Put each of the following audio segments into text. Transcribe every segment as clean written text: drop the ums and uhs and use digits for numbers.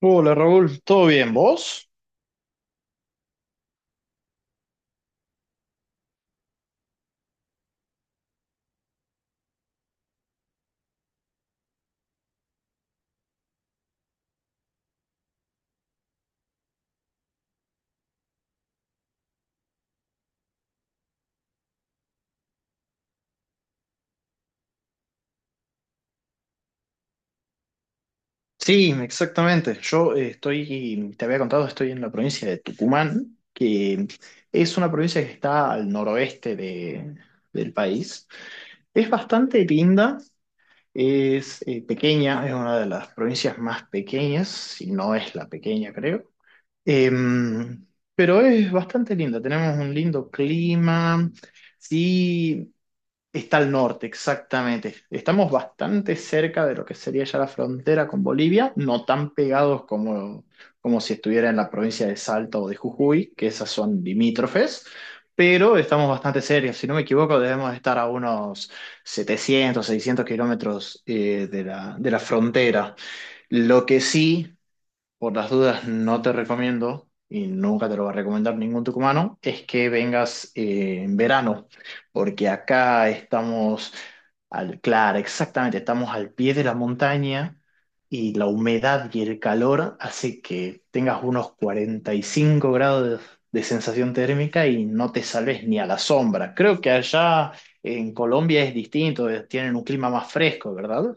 Hola Raúl, ¿todo bien? ¿Vos? Sí, exactamente. Yo estoy, te había contado, estoy en la provincia de Tucumán, que es una provincia que está al noroeste del país. Es bastante linda, es pequeña, es una de las provincias más pequeñas, si no es la pequeña, creo. Em, pero es bastante linda, tenemos un lindo clima. Sí, está al norte, exactamente. Estamos bastante cerca de lo que sería ya la frontera con Bolivia, no tan pegados como si estuviera en la provincia de Salta o de Jujuy, que esas son limítrofes, pero estamos bastante cerca. Si no me equivoco, debemos estar a unos 700, 600 kilómetros de la frontera. Lo que sí por las dudas no te recomiendo, y nunca te lo va a recomendar ningún tucumano, es que vengas en verano, porque acá estamos, claro, exactamente, estamos al pie de la montaña y la humedad y el calor hace que tengas unos 45 grados de sensación térmica y no te salves ni a la sombra. Creo que allá en Colombia es distinto, tienen un clima más fresco, ¿verdad?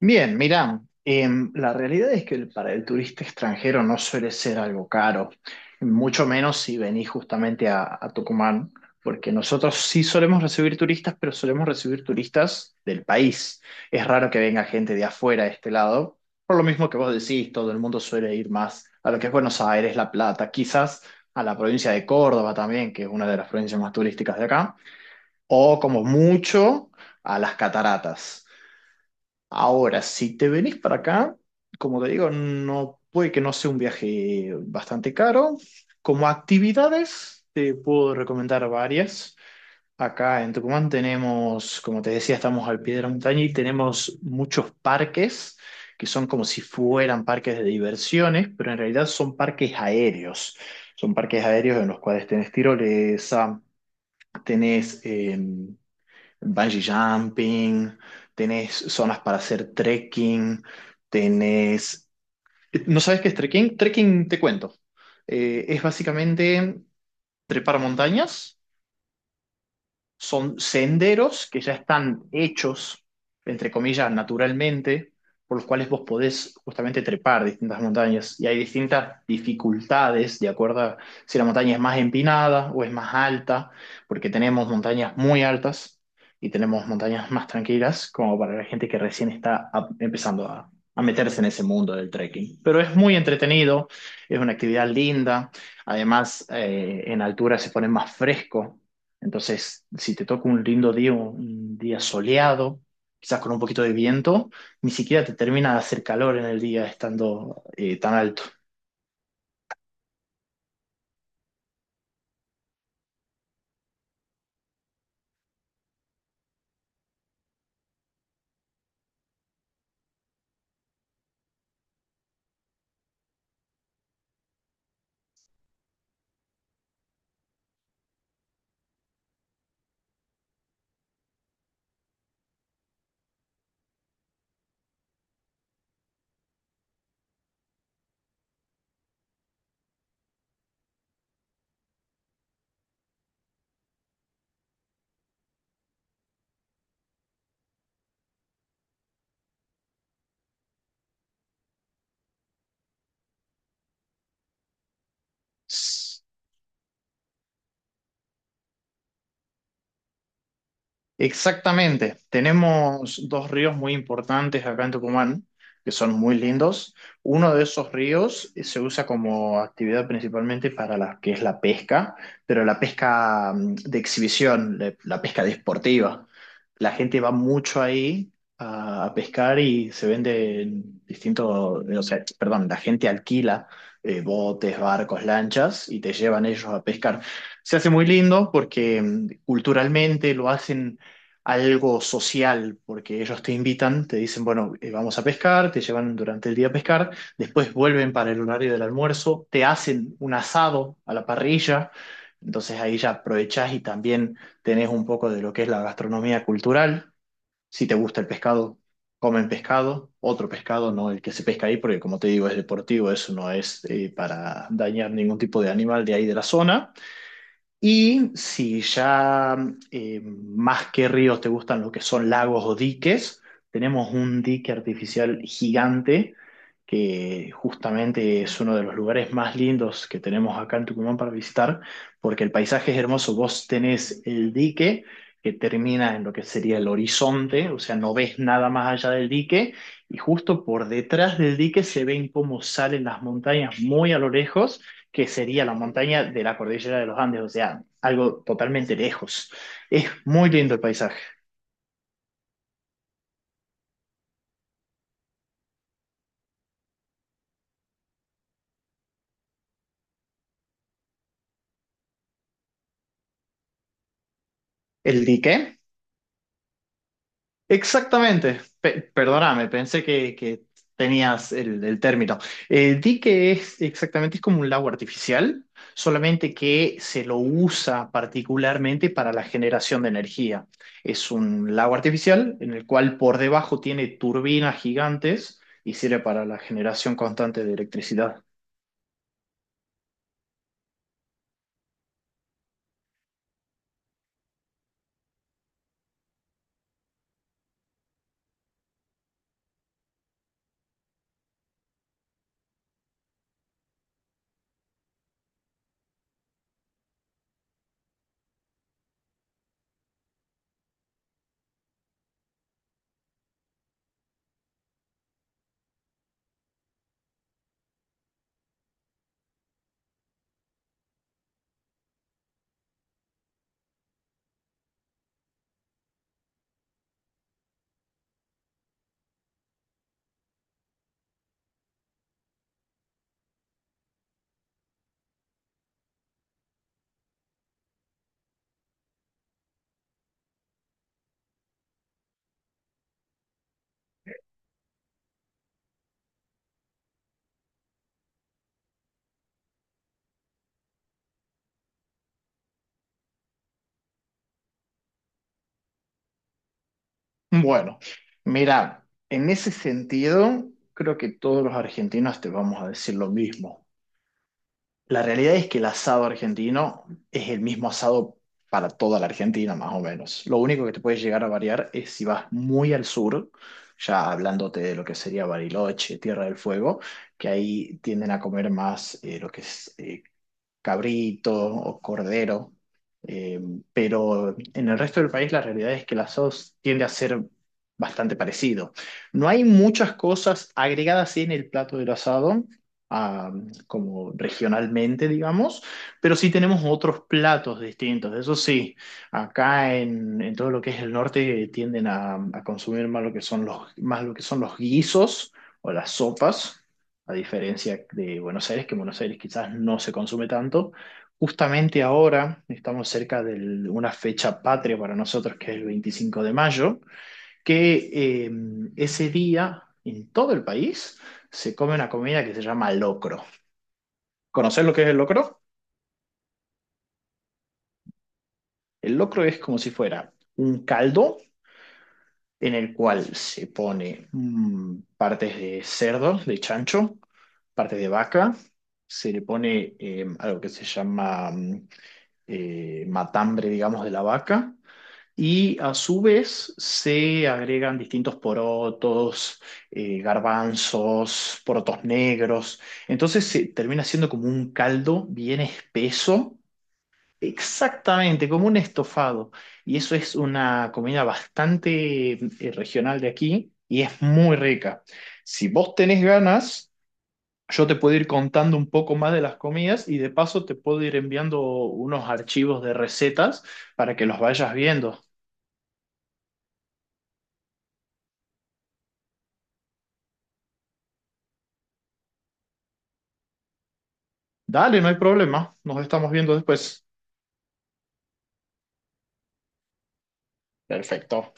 Bien, mirá, la realidad es que para el turista extranjero no suele ser algo caro, mucho menos si venís justamente a Tucumán, porque nosotros sí solemos recibir turistas, pero solemos recibir turistas del país. Es raro que venga gente de afuera de este lado, por lo mismo que vos decís, todo el mundo suele ir más a lo que es Buenos Aires, La Plata, quizás a la provincia de Córdoba también, que es una de las provincias más turísticas de acá, o como mucho a las cataratas. Ahora, si te venís para acá, como te digo, no puede que no sea un viaje bastante caro. Como actividades, te puedo recomendar varias. Acá en Tucumán tenemos, como te decía, estamos al pie de la montaña y tenemos muchos parques que son como si fueran parques de diversiones, pero en realidad son parques aéreos. Son parques aéreos en los cuales tenés tirolesa, tenés, bungee jumping, tenés zonas para hacer trekking, tenés... ¿No sabes qué es trekking? Trekking, te cuento. Es básicamente trepar montañas. Son senderos que ya están hechos, entre comillas, naturalmente, por los cuales vos podés justamente trepar distintas montañas. Y hay distintas dificultades de acuerdo a si la montaña es más empinada o es más alta, porque tenemos montañas muy altas y tenemos montañas más tranquilas, como para la gente que recién está empezando a meterse en ese mundo del trekking. Pero es muy entretenido, es una actividad linda, además en altura se pone más fresco, entonces, si te toca un lindo día, un día soleado, quizás con un poquito de viento, ni siquiera te termina de hacer calor en el día estando tan alto. Exactamente. Tenemos dos ríos muy importantes acá en Tucumán, que son muy lindos. Uno de esos ríos se usa como actividad principalmente para la que es la pesca, pero la pesca de exhibición, la pesca deportiva. La gente va mucho ahí a pescar y se venden distintos, o sea, perdón, la gente alquila botes, barcos, lanchas y te llevan ellos a pescar. Se hace muy lindo porque culturalmente lo hacen algo social, porque ellos te invitan, te dicen, bueno, vamos a pescar, te llevan durante el día a pescar, después vuelven para el horario del almuerzo, te hacen un asado a la parrilla, entonces ahí ya aprovechás y también tenés un poco de lo que es la gastronomía cultural, si te gusta el pescado. Comen pescado, otro pescado, no el que se pesca ahí, porque como te digo, es deportivo, eso no es para dañar ningún tipo de animal de ahí de la zona. Y si ya más que ríos te gustan lo que son lagos o diques, tenemos un dique artificial gigante que justamente es uno de los lugares más lindos que tenemos acá en Tucumán para visitar, porque el paisaje es hermoso. Vos tenés el dique que termina en lo que sería el horizonte, o sea, no ves nada más allá del dique, y justo por detrás del dique se ven cómo salen las montañas muy a lo lejos que sería la montaña de la cordillera de los Andes, o sea, algo totalmente lejos. Es muy lindo el paisaje. ¿El dique? Exactamente. Perdóname, pensé que tenías el término. El dique es exactamente, es como un lago artificial, solamente que se lo usa particularmente para la generación de energía. Es un lago artificial en el cual por debajo tiene turbinas gigantes y sirve para la generación constante de electricidad. Bueno, mira, en ese sentido, creo que todos los argentinos te vamos a decir lo mismo. La realidad es que el asado argentino es el mismo asado para toda la Argentina, más o menos. Lo único que te puede llegar a variar es si vas muy al sur, ya hablándote de lo que sería Bariloche, Tierra del Fuego, que ahí tienden a comer más lo que es cabrito o cordero, eh, pero en el resto del país la realidad es que la sos tiende a ser bastante parecido. No hay muchas cosas agregadas sí, en el plato del asado, ah, como regionalmente, digamos, pero sí tenemos otros platos distintos. Eso sí, acá en todo lo que es el norte tienden a consumir más lo que son los guisos o las sopas a diferencia de Buenos Aires, que en Buenos Aires quizás no se consume tanto. Justamente ahora estamos cerca de una fecha patria para nosotros, que es el 25 de mayo, que ese día en todo el país se come una comida que se llama locro. ¿Conocés lo que es el locro? El locro es como si fuera un caldo en el cual se pone partes de cerdo, de chancho, partes de vaca, se le pone algo que se llama matambre, digamos, de la vaca. Y a su vez se agregan distintos porotos, garbanzos, porotos negros. Entonces se termina siendo como un caldo bien espeso, exactamente como un estofado. Y eso es una comida bastante regional de aquí y es muy rica. Si vos tenés ganas, yo te puedo ir contando un poco más de las comidas y de paso te puedo ir enviando unos archivos de recetas para que los vayas viendo. Dale, no hay problema. Nos estamos viendo después. Perfecto.